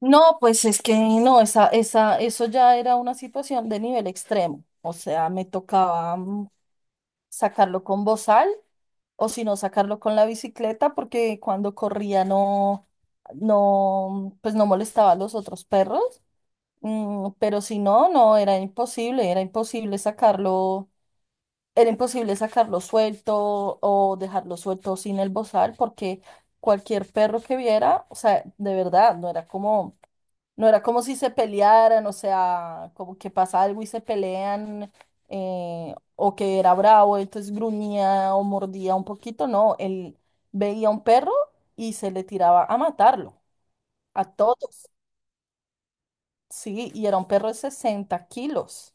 No, pues es que no, esa, eso ya era una situación de nivel extremo. O sea, me tocaba sacarlo con bozal o si no sacarlo con la bicicleta porque cuando corría no, no, pues no molestaba a los otros perros. Pero si no, no, era imposible sacarlo suelto o dejarlo suelto sin el bozal porque cualquier perro que viera, o sea, de verdad, no era como si se pelearan, o sea, como que pasa algo y se pelean, o que era bravo, entonces gruñía o mordía un poquito, no, él veía un perro y se le tiraba a matarlo, a todos, sí, y era un perro de 60 kilos.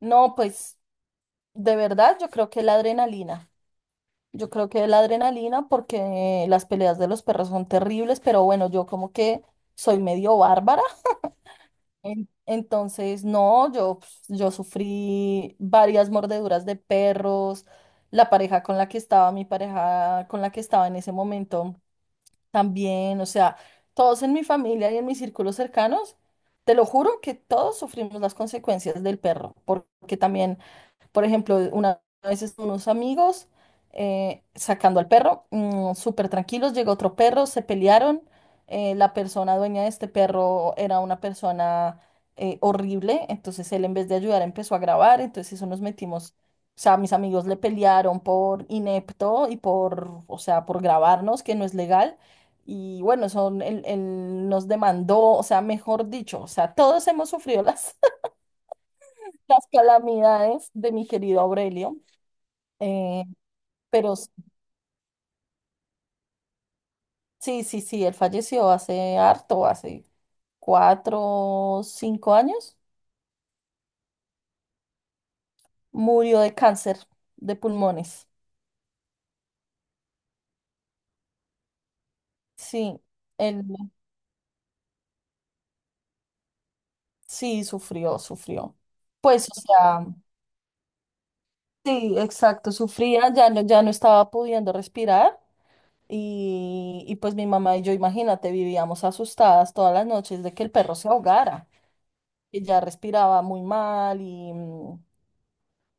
No, pues de verdad yo creo que la adrenalina porque las peleas de los perros son terribles, pero bueno, yo como que soy medio bárbara. Entonces, no, yo, pues, yo sufrí varias mordeduras de perros, la pareja con la que estaba, mi pareja con la que estaba en ese momento también, o sea, todos en mi familia y en mis círculos cercanos, te lo juro que todos sufrimos las consecuencias del perro, porque también, por ejemplo, una vez estaban unos amigos sacando al perro, súper tranquilos, llegó otro perro, se pelearon. La persona dueña de este perro era una persona horrible, entonces él en vez de ayudar empezó a grabar, entonces eso nos metimos. O sea, mis amigos le pelearon por inepto y por, o sea, por grabarnos, que no es legal. Y bueno, son, él nos demandó, o sea, mejor dicho, o sea, todos hemos sufrido las calamidades de mi querido Aurelio. Eh, pero sí, sí, sí, él falleció hace harto, hace 4, 5 años. Murió de cáncer de pulmones. Sí, él sí sufrió, sufrió. Pues, o sea, sí, exacto, sufría, ya no, ya no estaba pudiendo respirar. Y pues mi mamá y yo, imagínate, vivíamos asustadas todas las noches de que el perro se ahogara, que ya respiraba muy mal y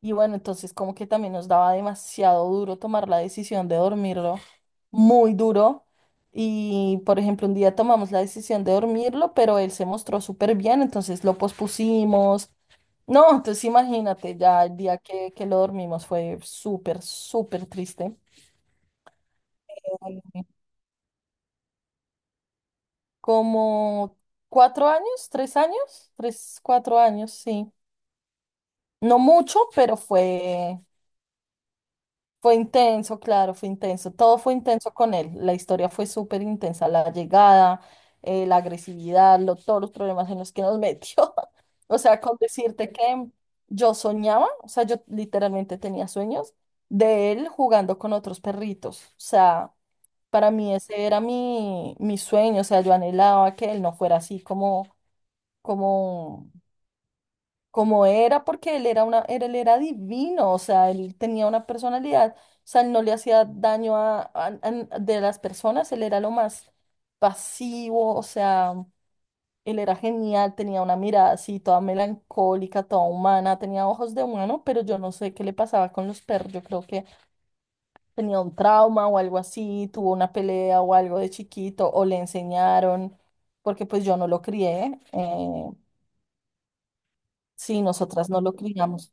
y bueno, entonces como que también nos daba demasiado duro tomar la decisión de dormirlo, muy duro. Y, por ejemplo, un día tomamos la decisión de dormirlo, pero él se mostró súper bien, entonces lo pospusimos. No, entonces imagínate, ya el día que lo dormimos fue súper, súper triste. Como 4 años, 3 años, 3, 4 años, sí. No mucho, pero fue intenso, claro, fue intenso. Todo fue intenso con él. La historia fue súper intensa. La llegada, la agresividad, todos los problemas en los que nos metió. O sea, con decirte que yo soñaba, o sea, yo literalmente tenía sueños de él jugando con otros perritos. O sea, para mí ese era mi sueño. O sea, yo anhelaba que él no fuera así como, como como era, porque él era divino, o sea, él tenía una personalidad, o sea, él no le hacía daño a, de las personas, él era lo más pasivo, o sea, él era genial, tenía una mirada así toda melancólica, toda humana, tenía ojos de humano, pero yo no sé qué le pasaba con los perros, yo creo que tenía un trauma o algo así, tuvo una pelea o algo de chiquito, o le enseñaron, porque pues yo no lo crié, sí, nosotras no lo criamos.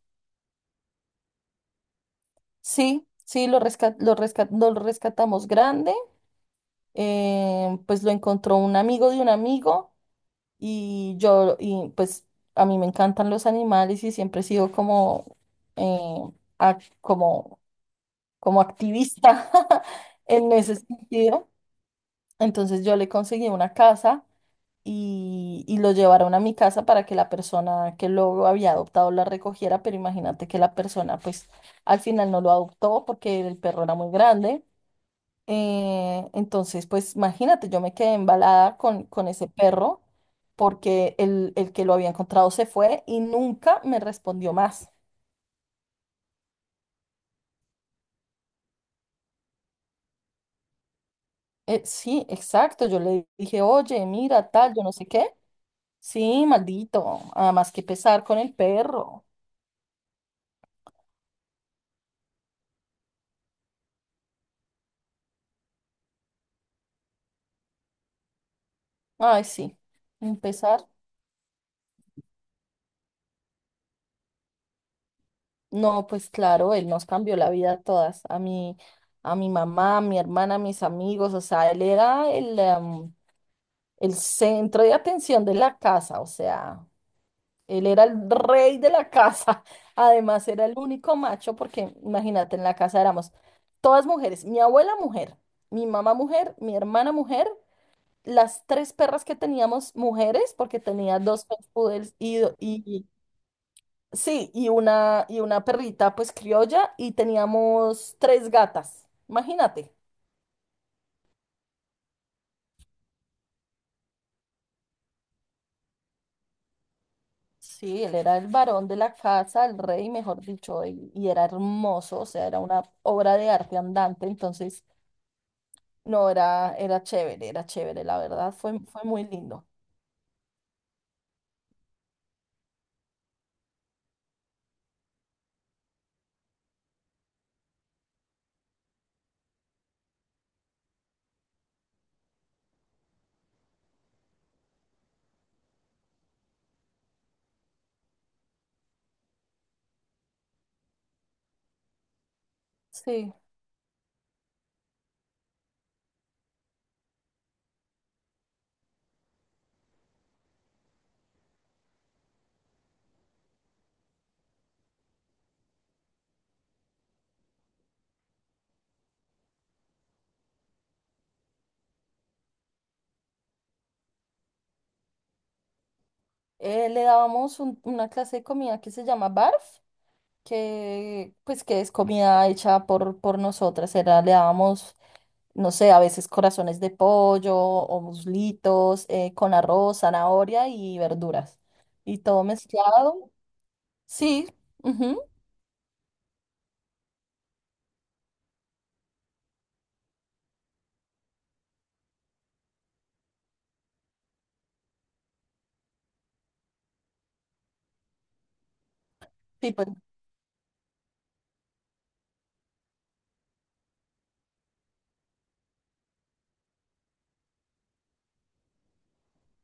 Sí, sí, lo rescatamos grande, pues lo encontró un amigo de un amigo y yo, y pues a mí me encantan los animales y siempre he sido como, eh, como, como activista en ese sentido. Entonces yo le conseguí una casa y lo llevaron a mi casa para que la persona que lo había adoptado la recogiera, pero imagínate que la persona pues al final no lo adoptó porque el perro era muy grande. Entonces, pues imagínate, yo me quedé embalada con ese perro porque el que lo había encontrado se fue y nunca me respondió más. Sí, exacto, yo le dije, oye, mira, tal, yo no sé qué. Sí, maldito, además que pesar con el perro. Ay, sí, un pesar. No, pues claro, él nos cambió la vida a todas, a mí, a mi mamá, a mi hermana, a mis amigos, o sea, él era el centro de atención de la casa, o sea. Él era el rey de la casa. Además, era el único macho, porque imagínate, en la casa éramos todas mujeres. Mi abuela mujer, mi mamá mujer, mi hermana mujer, las tres perras que teníamos mujeres, porque tenía dos French poodles y, sí, y una perrita pues criolla, y teníamos tres gatas. Imagínate. Sí, él era el varón de la casa, el rey, mejor dicho, y era hermoso, o sea, era una obra de arte andante, entonces. No, era chévere, la verdad, fue muy lindo. Sí. Le dábamos una clase de comida que se llama barf, que pues que es comida hecha por nosotras. Era, le dábamos, no sé, a veces corazones de pollo o muslitos con arroz, zanahoria y verduras. Y todo mezclado. Sí, ujú, sí, pues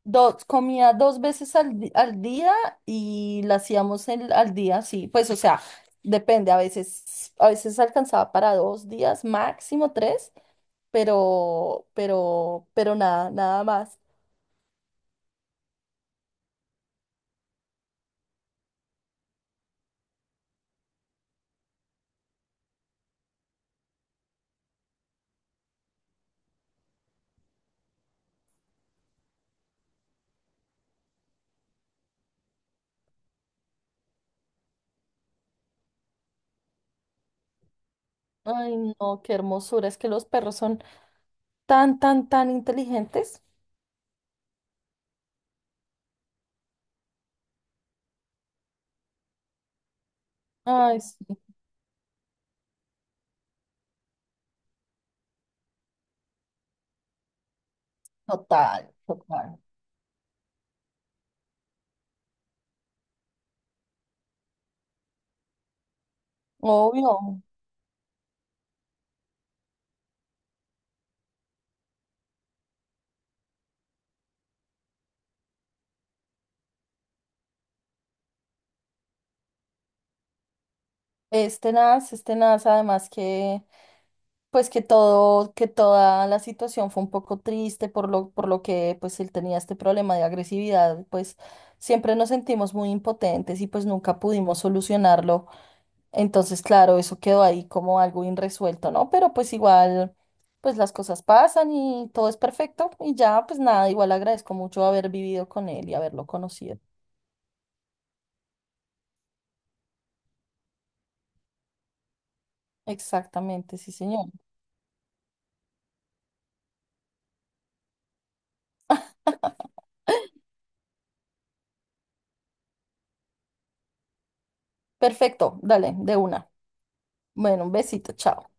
dos, comía 2 veces al día y la hacíamos al día, sí. Pues, o sea, depende, a veces alcanzaba para 2 días, máximo tres, pero nada, nada más. Ay, no, qué hermosura, es que los perros son tan, tan, tan inteligentes. Ay, sí, total, total. Obvio. Tenaz, es tenaz, además que. Pues que toda la situación fue un poco triste por lo que pues él tenía este problema de agresividad, pues siempre nos sentimos muy impotentes y pues nunca pudimos solucionarlo. Entonces, claro, eso quedó ahí como algo irresuelto, ¿no? Pero pues igual, pues las cosas pasan y todo es perfecto y ya, pues nada, igual agradezco mucho haber vivido con él y haberlo conocido. Exactamente, sí, señor. Perfecto, dale, de una. Bueno, un besito, chao.